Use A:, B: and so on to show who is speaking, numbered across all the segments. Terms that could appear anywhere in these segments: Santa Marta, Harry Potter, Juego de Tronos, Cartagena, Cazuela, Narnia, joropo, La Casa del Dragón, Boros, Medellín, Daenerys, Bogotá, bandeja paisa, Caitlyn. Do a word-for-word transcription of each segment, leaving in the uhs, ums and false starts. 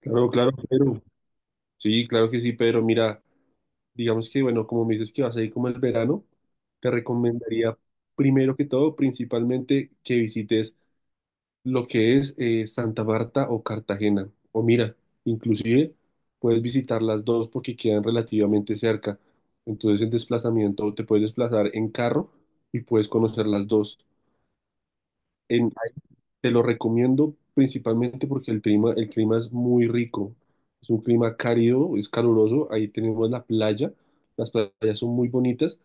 A: Claro, claro, pero sí, claro que sí, pero mira, digamos que, bueno, como me dices que vas a ir como el verano, te recomendaría primero que todo, principalmente, que visites lo que es eh, Santa Marta o Cartagena. O mira, inclusive puedes visitar las dos porque quedan relativamente cerca. Entonces, en desplazamiento, te puedes desplazar en carro y puedes conocer las dos. En, Te lo recomiendo principalmente porque el clima, el clima es muy rico. Es un clima cálido, es caluroso. Ahí tenemos la playa. Las playas son muy bonitas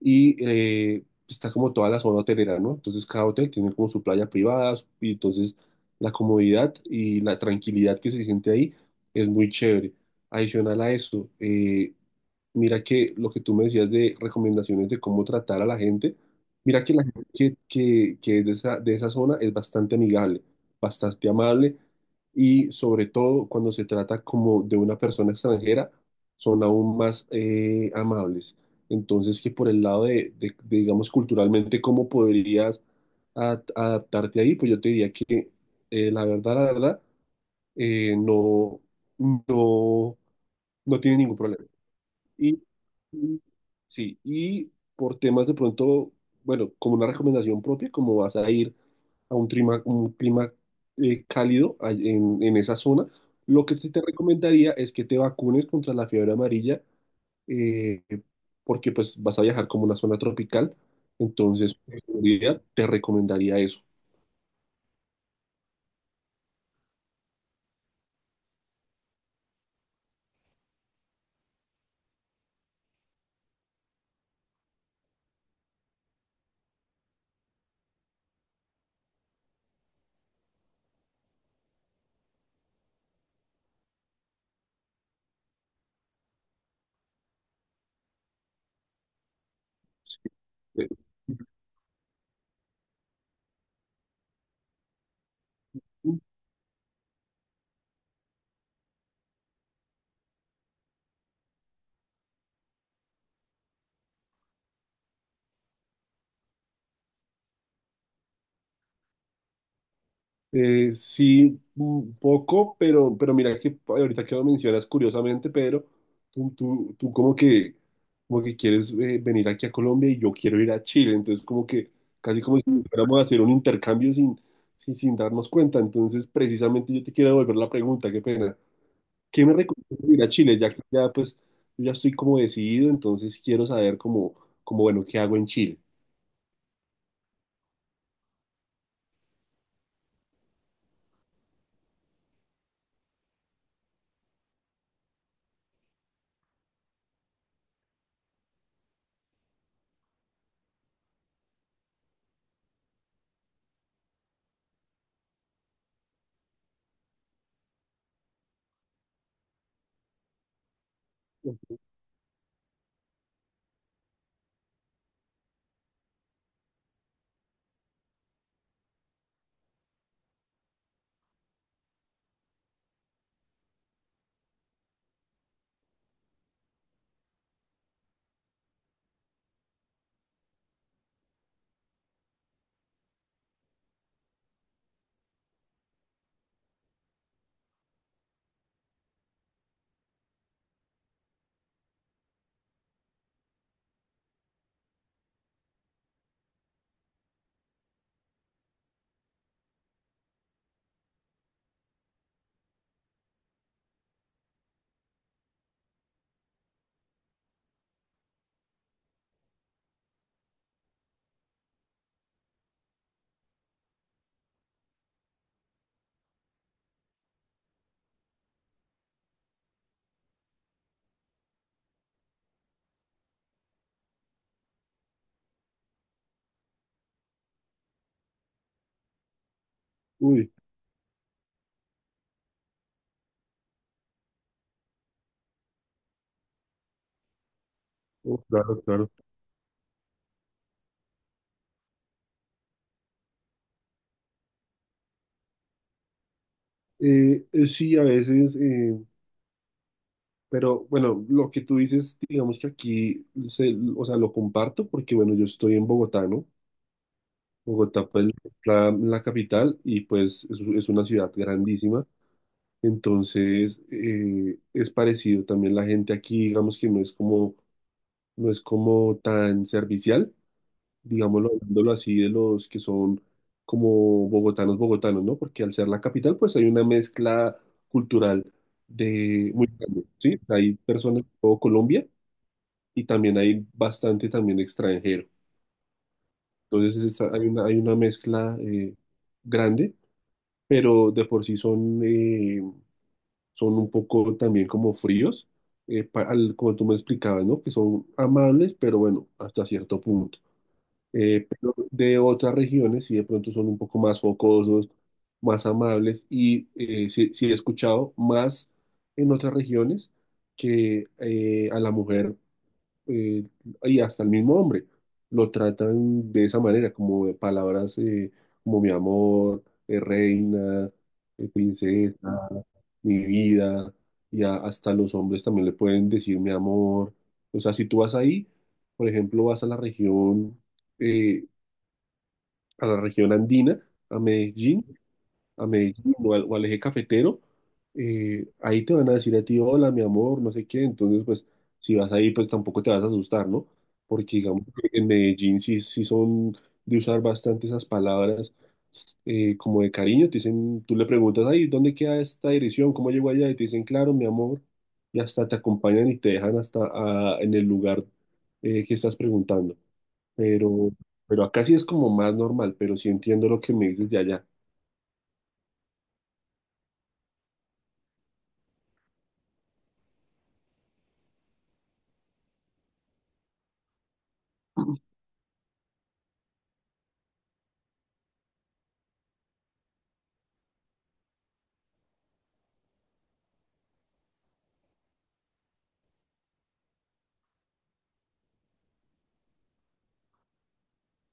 A: y eh, está como toda la zona hotelera, ¿no? Entonces cada hotel tiene como su playa privada y entonces la comodidad y la tranquilidad que se siente ahí es muy chévere. Adicional a eso, eh, mira que lo que tú me decías de recomendaciones de cómo tratar a la gente, mira que la gente que, que, que es de esa, de esa zona es bastante amigable, bastante amable y sobre todo cuando se trata como de una persona extranjera, son aún más eh, amables. Entonces que por el lado de, de- de, digamos, culturalmente, ¿cómo podrías a- adaptarte ahí? Pues yo te diría que eh, la verdad, la verdad, eh, no, no, no tiene ningún problema. Y, y- sí, y por temas de pronto, bueno, como una recomendación propia, como vas a ir a un clima, un clima eh, cálido a- en, en esa zona, lo que sí te recomendaría es que te vacunes contra la fiebre amarilla, eh, porque pues vas a viajar como una zona tropical, entonces por seguridad te recomendaría eso. Sí. Eh, Eh, sí, un poco, pero, pero mira que ahorita que lo mencionas curiosamente, Pedro, tú, tú, tú como que, como que quieres eh, venir aquí a Colombia y yo quiero ir a Chile, entonces como que casi como si fuéramos a hacer un intercambio sin, sin, sin darnos cuenta. Entonces precisamente yo te quiero devolver la pregunta, qué pena. ¿Qué me recomiendas ir a Chile? Ya que ya pues yo ya estoy como decidido, entonces quiero saber como, como bueno, ¿qué hago en Chile? Uy, oh, claro, claro. Eh, eh, sí, a veces... eh, pero bueno, lo que tú dices, digamos que aquí, se- o sea, lo comparto porque, bueno, yo estoy en Bogotá, ¿no? Bogotá, pues, la, la capital y pues es, es una ciudad grandísima. Entonces, eh, es parecido también la gente aquí, digamos que no es como, no es como tan servicial, digámoslo, hablándolo así, de los que son como bogotanos, bogotanos, ¿no? Porque al ser la capital, pues hay una mezcla cultural de muy grande, ¿sí? Hay personas de todo Colombia y también hay bastante también extranjero. Entonces es- hay una, hay una mezcla eh, grande, pero de por sí son, eh, son un poco también como fríos, eh, pa- al- como tú me explicabas, ¿no? Que son amables, pero bueno, hasta cierto punto. Eh, pero de otras regiones sí de pronto son un poco más focosos, más amables y eh, sí, sí he escuchado más en otras regiones que eh, a la mujer eh, y hasta el mismo hombre lo tratan de esa manera, como de palabras eh, como mi amor, eh, reina, eh, princesa, mi vida, y a- hasta los hombres también le pueden decir mi amor. O sea, si tú vas ahí, por ejemplo, vas a la región, eh, a la región andina, a Medellín, a Medellín o al, o al eje cafetero, eh, ahí te van a decir a ti, hola, mi amor, no sé qué. Entonces, pues, si vas ahí, pues tampoco te vas a asustar, ¿no? Porque digamos que en Medellín sí, sí son de usar bastante esas palabras eh, como de cariño. Te dicen, tú le preguntas, ay, ¿dónde queda esta dirección? ¿Cómo llego allá? Y te dicen, claro, mi amor. Y hasta te acompañan y te dejan hasta ah, en el lugar eh, que estás preguntando. Pero, pero acá sí es como más normal, pero sí entiendo lo que me dices de allá.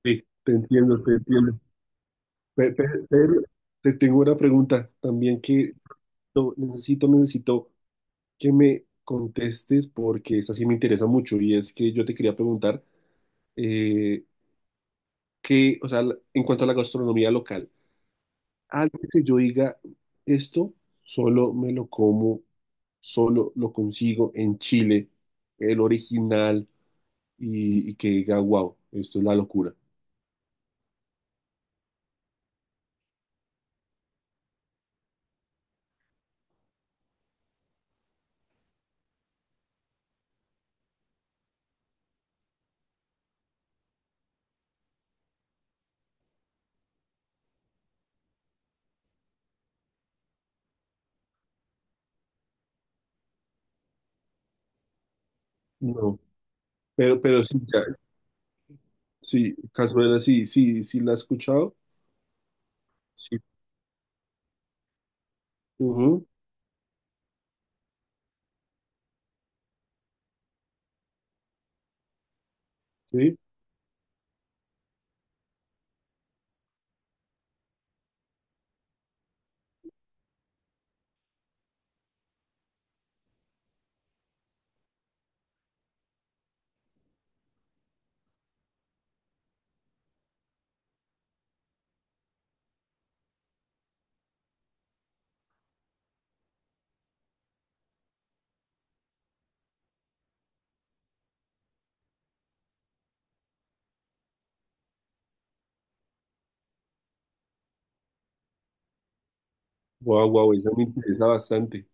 A: Sí, te entiendo, te entiendo. Pe- pe- Pero te tengo una pregunta también que to- necesito, necesito que me contestes porque esa sí me interesa mucho y es que yo te quería preguntar eh, que, o sea, la- en cuanto a la gastronomía local, algo que yo diga, esto solo me lo como, solo lo consigo en Chile, el original y, y que diga, wow, esto es la locura. No, pero, pero sí, sí, Cazuela, sí, sí, sí la he escuchado. Sí, ujú, sí. Wow, wow, esa me interesa bastante.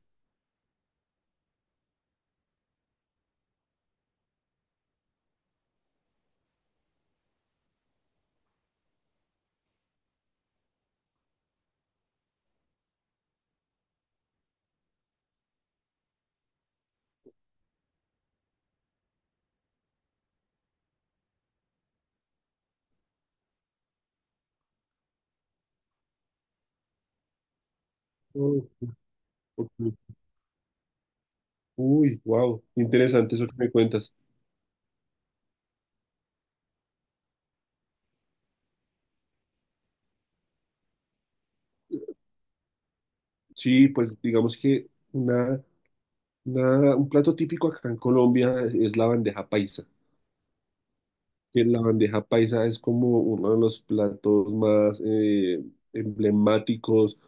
A: Ujú, ujú. Uy, wow, interesante eso que me cuentas. Sí, pues digamos que una, una- un plato típico acá en Colombia es la bandeja paisa. Que la bandeja paisa es como uno de los platos más eh, emblemáticos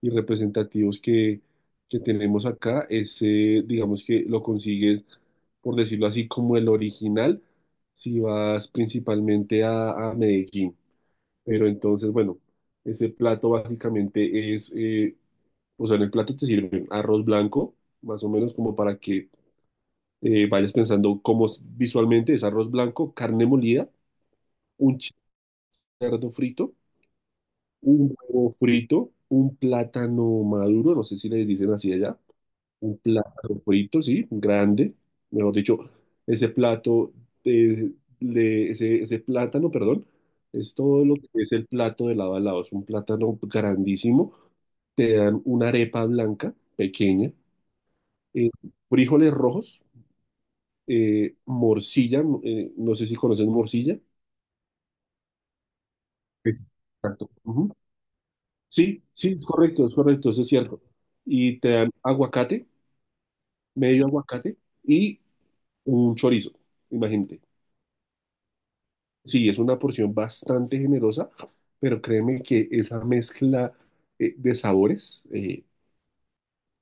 A: y representativos que, que tenemos acá. Ese, digamos que lo consigues, por decirlo así, como el original, si vas principalmente a, a Medellín. Pero entonces, bueno, ese plato básicamente es, eh, o sea, en el plato te sirven arroz blanco, más o menos como para que eh, vayas pensando cómo es visualmente, es arroz blanco, carne molida, un cerdo frito, un huevo frito, un plátano maduro, no sé si le dicen así allá, un plátano frito, sí, grande, mejor dicho, ese plato, eh, le- ese, ese plátano, perdón, es todo lo que es el plato de lado a lado, es un plátano grandísimo, te dan una arepa blanca, pequeña, eh, frijoles rojos, eh, morcilla, eh, no sé si conocen morcilla. Sí. Exacto. Sí, sí, es correcto, es correcto, eso es cierto. Y te dan aguacate, medio aguacate y un chorizo, imagínate. Sí, es una porción bastante generosa, pero créeme que esa mezcla eh, de sabores, eh,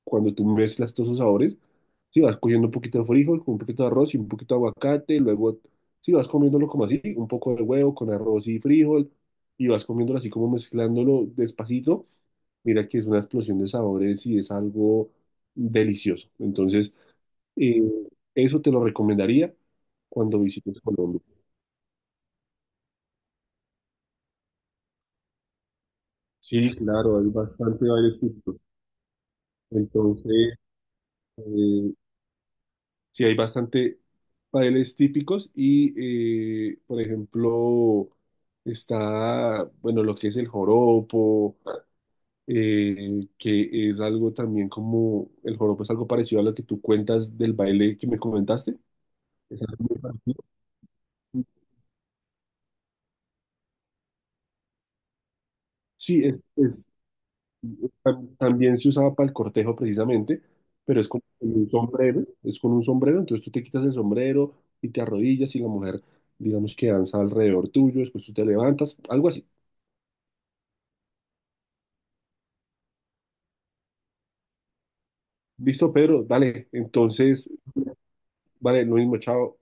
A: cuando tú mezclas todos esos sabores, si vas cogiendo un poquito de frijol, con un poquito de arroz y un poquito de aguacate, luego si vas comiéndolo como así, un poco de huevo con arroz y frijol, y vas comiéndolo así como mezclándolo despacito, mira que es una explosión de sabores y es algo delicioso. Entonces, eh, eso te lo recomendaría cuando visites Colombia. Sí, claro, hay bastante varios tipos. Entonces, eh, sí, hay bastante bailes típicos y, eh, por ejemplo, está, bueno, lo que es el joropo, eh, que es algo también como, el joropo es algo parecido a lo que tú cuentas del baile que me comentaste. Es algo muy parecido. Sí, es, es- tam- también se usaba para el cortejo precisamente, pero es con un sombrero, es con un sombrero, entonces tú te quitas el sombrero y te arrodillas y la mujer, digamos que danza alrededor tuyo, después tú te levantas, algo así. Listo, Pedro, dale. Entonces, vale, lo mismo, chao.